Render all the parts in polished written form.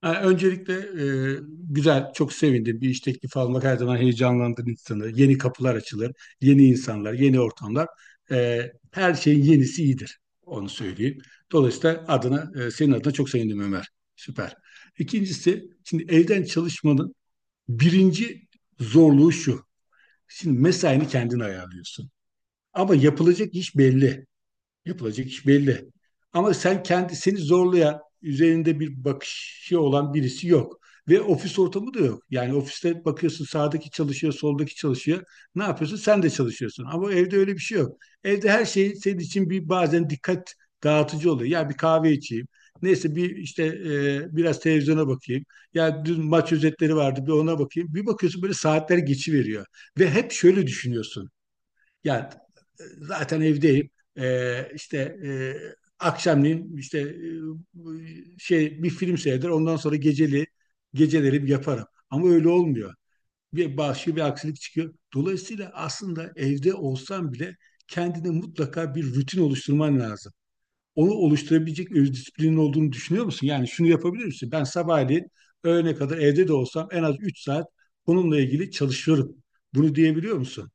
Ha, öncelikle e, güzel, çok sevindim. Bir iş teklifi almak her zaman heyecanlandıran insanı. Yeni kapılar açılır, yeni insanlar, yeni ortamlar. E, Her şeyin yenisi iyidir, onu söyleyeyim. Dolayısıyla adına, senin adına çok sevindim Ömer. Süper. İkincisi, şimdi evden çalışmanın birinci zorluğu şu. Şimdi mesaini kendin ayarlıyorsun. Ama yapılacak iş belli. Yapılacak iş belli. Ama sen kendisini zorlayan, üzerinde bir bakışı olan birisi yok. Ve ofis ortamı da yok. Yani ofiste bakıyorsun sağdaki çalışıyor, soldaki çalışıyor. Ne yapıyorsun? Sen de çalışıyorsun. Ama evde öyle bir şey yok. Evde her şey senin için bir bazen dikkat dağıtıcı oluyor. Ya bir kahve içeyim. Neyse bir işte biraz televizyona bakayım. Ya dün maç özetleri vardı bir ona bakayım. Bir bakıyorsun böyle saatler geçiveriyor. Ve hep şöyle düşünüyorsun. Ya zaten evdeyim. E, işte e, akşamleyin işte şey bir film seyreder. Ondan sonra geceleri yaparım. Ama öyle olmuyor. Başka bir aksilik çıkıyor. Dolayısıyla aslında evde olsan bile kendine mutlaka bir rutin oluşturman lazım. Onu oluşturabilecek öz disiplinin olduğunu düşünüyor musun? Yani şunu yapabilir misin? Ben sabahleyin öğlene kadar evde de olsam en az 3 saat bununla ilgili çalışıyorum. Bunu diyebiliyor musun?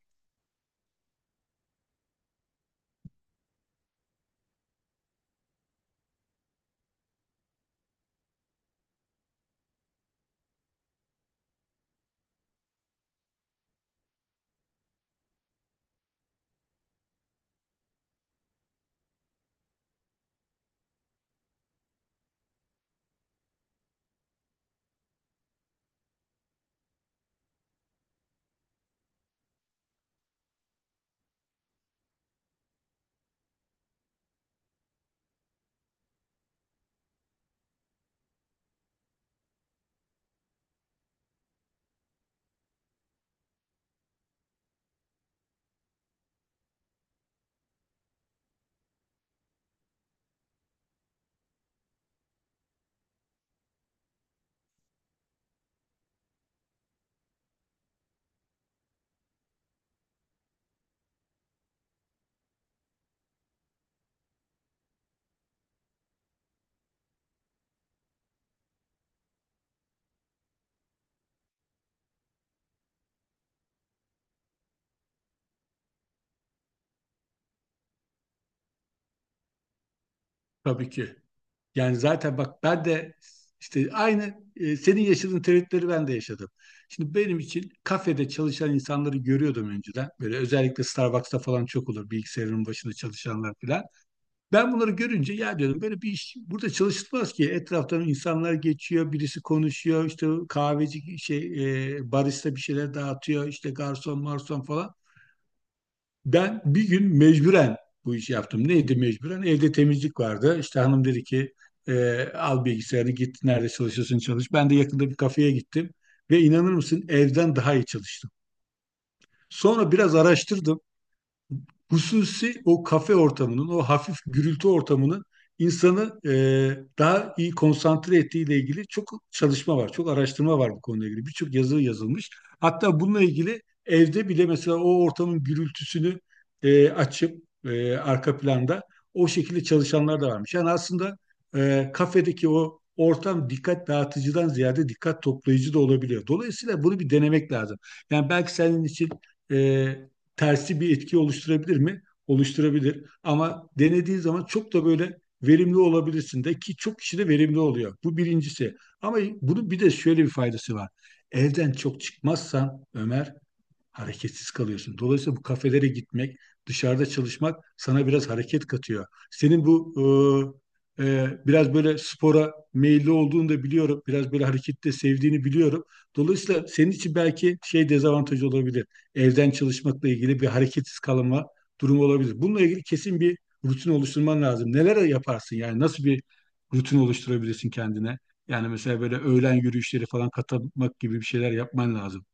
Tabii ki. Yani zaten bak ben de işte aynı senin yaşadığın tereddütleri ben de yaşadım. Şimdi benim için kafede çalışan insanları görüyordum önceden. Böyle özellikle Starbucks'ta falan çok olur bilgisayarın başında çalışanlar falan. Ben bunları görünce ya diyordum böyle bir iş burada çalışılmaz ki. Etraftan insanlar geçiyor, birisi konuşuyor, işte kahveci şey barista bir şeyler dağıtıyor, işte garson marson falan. Ben bir gün mecburen bu işi yaptım. Neydi mecburen? Evde temizlik vardı. İşte hanım dedi ki al bilgisayarını git nerede çalışıyorsun çalış. Ben de yakında bir kafeye gittim ve inanır mısın evden daha iyi çalıştım. Sonra biraz araştırdım hususi o kafe ortamının, o hafif gürültü ortamının insanı daha iyi konsantre ettiğiyle ilgili çok çalışma var, çok araştırma var bu konuyla ilgili. Birçok yazı yazılmış. Hatta bununla ilgili evde bile mesela o ortamın gürültüsünü açıp arka planda o şekilde çalışanlar da varmış. Yani aslında kafedeki o ortam dikkat dağıtıcıdan ziyade dikkat toplayıcı da olabiliyor. Dolayısıyla bunu bir denemek lazım. Yani belki senin için e, tersi bir etki oluşturabilir mi? Oluşturabilir. Ama denediğin zaman çok da böyle verimli olabilirsin de ki çok kişi de verimli oluyor. Bu birincisi. Ama bunun bir de şöyle bir faydası var. Evden çok çıkmazsan Ömer hareketsiz kalıyorsun. Dolayısıyla bu kafelere gitmek, dışarıda çalışmak sana biraz hareket katıyor. Senin bu biraz böyle spora meyilli olduğunu da biliyorum. Biraz böyle hareketi de sevdiğini biliyorum. Dolayısıyla senin için belki şey dezavantajı olabilir. Evden çalışmakla ilgili bir hareketsiz kalma durumu olabilir. Bununla ilgili kesin bir rutin oluşturman lazım. Neler yaparsın yani nasıl bir rutin oluşturabilirsin kendine? Yani mesela böyle öğlen yürüyüşleri falan katmak gibi bir şeyler yapman lazım.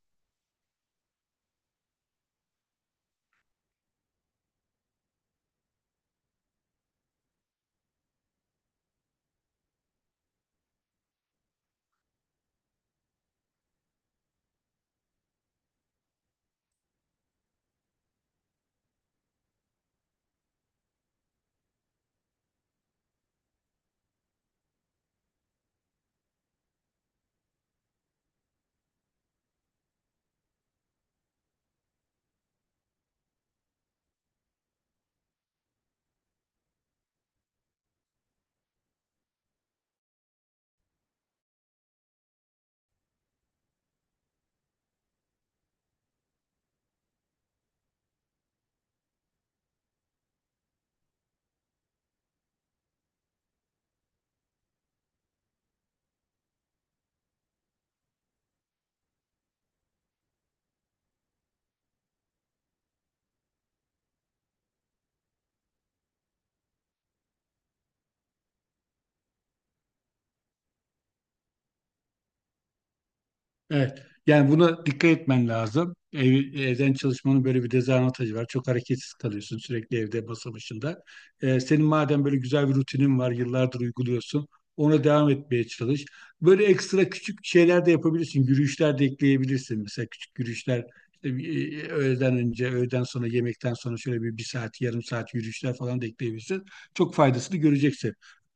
Evet. Yani buna dikkat etmen lazım. Evden çalışmanın böyle bir dezavantajı var. Çok hareketsiz kalıyorsun sürekli evde masa başında. Senin madem böyle güzel bir rutinin var, yıllardır uyguluyorsun, ona devam etmeye çalış. Böyle ekstra küçük şeyler de yapabilirsin. Yürüyüşler de ekleyebilirsin. Mesela küçük yürüyüşler işte bir, öğleden önce, öğleden sonra, yemekten sonra şöyle bir, bir saat, yarım saat yürüyüşler falan da ekleyebilirsin. Çok faydasını göreceksin.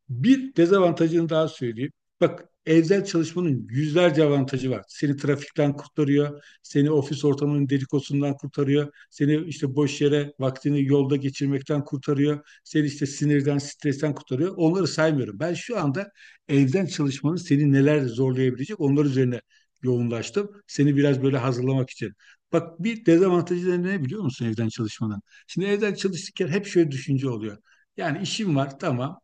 Bir dezavantajını daha söyleyeyim. Bak evden çalışmanın yüzlerce avantajı var. Seni trafikten kurtarıyor, seni ofis ortamının dedikodusundan kurtarıyor, seni işte boş yere vaktini yolda geçirmekten kurtarıyor, seni işte sinirden, stresten kurtarıyor. Onları saymıyorum. Ben şu anda evden çalışmanın seni neler zorlayabilecek onlar üzerine yoğunlaştım. Seni biraz böyle hazırlamak için. Bak bir dezavantajı da ne biliyor musun evden çalışmanın? Şimdi evden çalışırken hep şöyle düşünce oluyor. Yani işim var tamam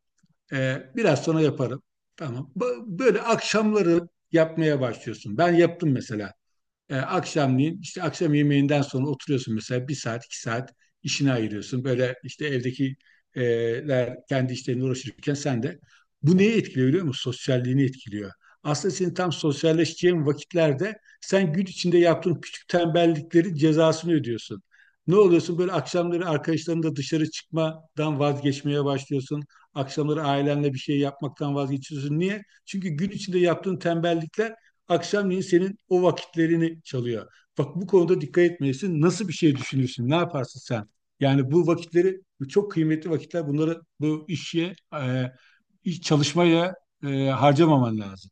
biraz sonra yaparım. Tamam. Böyle akşamları yapmaya başlıyorsun. Ben yaptım mesela. Akşamleyin işte akşam yemeğinden sonra oturuyorsun mesela bir saat iki saat işine ayırıyorsun. Böyle işte evdekiler kendi işlerine uğraşırken sen de bu neyi etkiliyor biliyor musun? Sosyalliğini etkiliyor. Aslında senin tam sosyalleşeceğin vakitlerde sen gün içinde yaptığın küçük tembelliklerin cezasını ödüyorsun. Ne oluyorsun? Böyle akşamları arkadaşlarınla dışarı çıkmadan vazgeçmeye başlıyorsun. Akşamları ailenle bir şey yapmaktan vazgeçiyorsun. Niye? Çünkü gün içinde yaptığın tembellikler akşamleyin senin o vakitlerini çalıyor. Bak bu konuda dikkat etmelisin. Nasıl bir şey düşünürsün? Ne yaparsın sen? Yani bu vakitleri bu çok kıymetli vakitler. Bunları bu işe e, iş çalışmaya harcamaman lazım.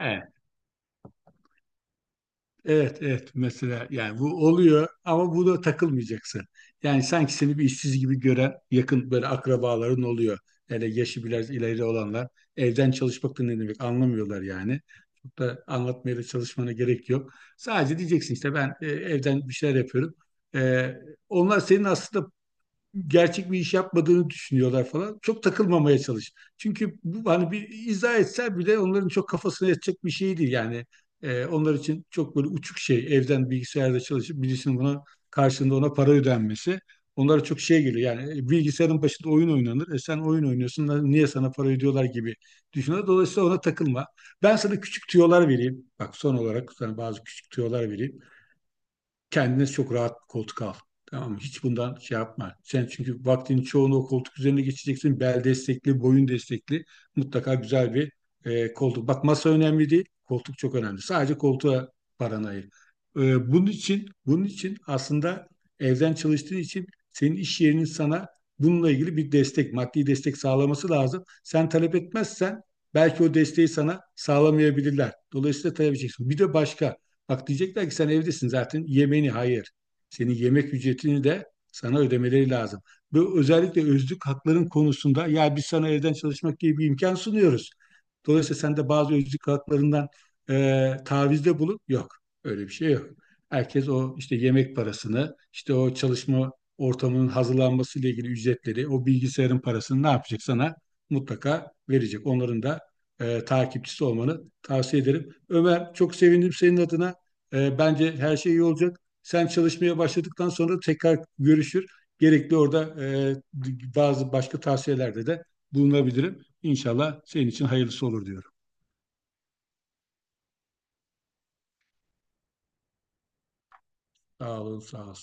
Evet. Evet, evet mesela yani bu oluyor ama bu da takılmayacaksın. Yani sanki seni bir işsiz gibi gören yakın böyle akrabaların oluyor. Hele yaşı biraz ileri olanlar evden çalışmak da ne demek anlamıyorlar yani. Çok da anlatmaya da çalışmana gerek yok. Sadece diyeceksin işte ben evden bir şeyler yapıyorum. E, Onlar senin aslında gerçek bir iş yapmadığını düşünüyorlar falan. Çok takılmamaya çalış. Çünkü bu, hani bir izah etsen bile onların çok kafasına yatacak bir şey değil yani. Onlar için çok böyle uçuk şey evden bilgisayarda çalışıp birisinin buna karşılığında ona para ödenmesi. Onlara çok şey geliyor yani bilgisayarın başında oyun oynanır. E sen oyun oynuyorsun lan niye sana para ödüyorlar gibi düşünüyorlar. Dolayısıyla ona takılma. Ben sana küçük tüyolar vereyim. Bak son olarak sana bazı küçük tüyolar vereyim kendine çok rahat bir koltuk al. Tamam mı? Hiç bundan şey yapma. Sen çünkü vaktinin çoğunu o koltuk üzerine geçeceksin. Bel destekli, boyun destekli. Mutlaka güzel bir koltuk. Bak masa önemli değil. Koltuk çok önemli. Sadece koltuğa paranı ayır. Bunun için aslında evden çalıştığın için senin iş yerinin sana bununla ilgili bir destek, maddi destek sağlaması lazım. Sen talep etmezsen belki o desteği sana sağlamayabilirler. Dolayısıyla talep edeceksin. Bir de başka. Bak diyecekler ki sen evdesin zaten yemeğini hayır. Senin yemek ücretini de sana ödemeleri lazım. Bu özellikle özlük hakların konusunda ya biz sana evden çalışmak diye bir imkan sunuyoruz. Dolayısıyla sen de bazı özlük haklarından tavizde bulup yok. Öyle bir şey yok. Herkes o işte yemek parasını, işte o çalışma ortamının hazırlanması ile ilgili ücretleri, o bilgisayarın parasını ne yapacak sana mutlaka verecek. Onların da takipçisi olmanı tavsiye ederim. Ömer çok sevindim senin adına. Bence her şey iyi olacak. Sen çalışmaya başladıktan sonra tekrar görüşür. Gerekli orada bazı başka tavsiyelerde de bulunabilirim. İnşallah senin için hayırlısı olur diyorum. Sağ olun, sağ ol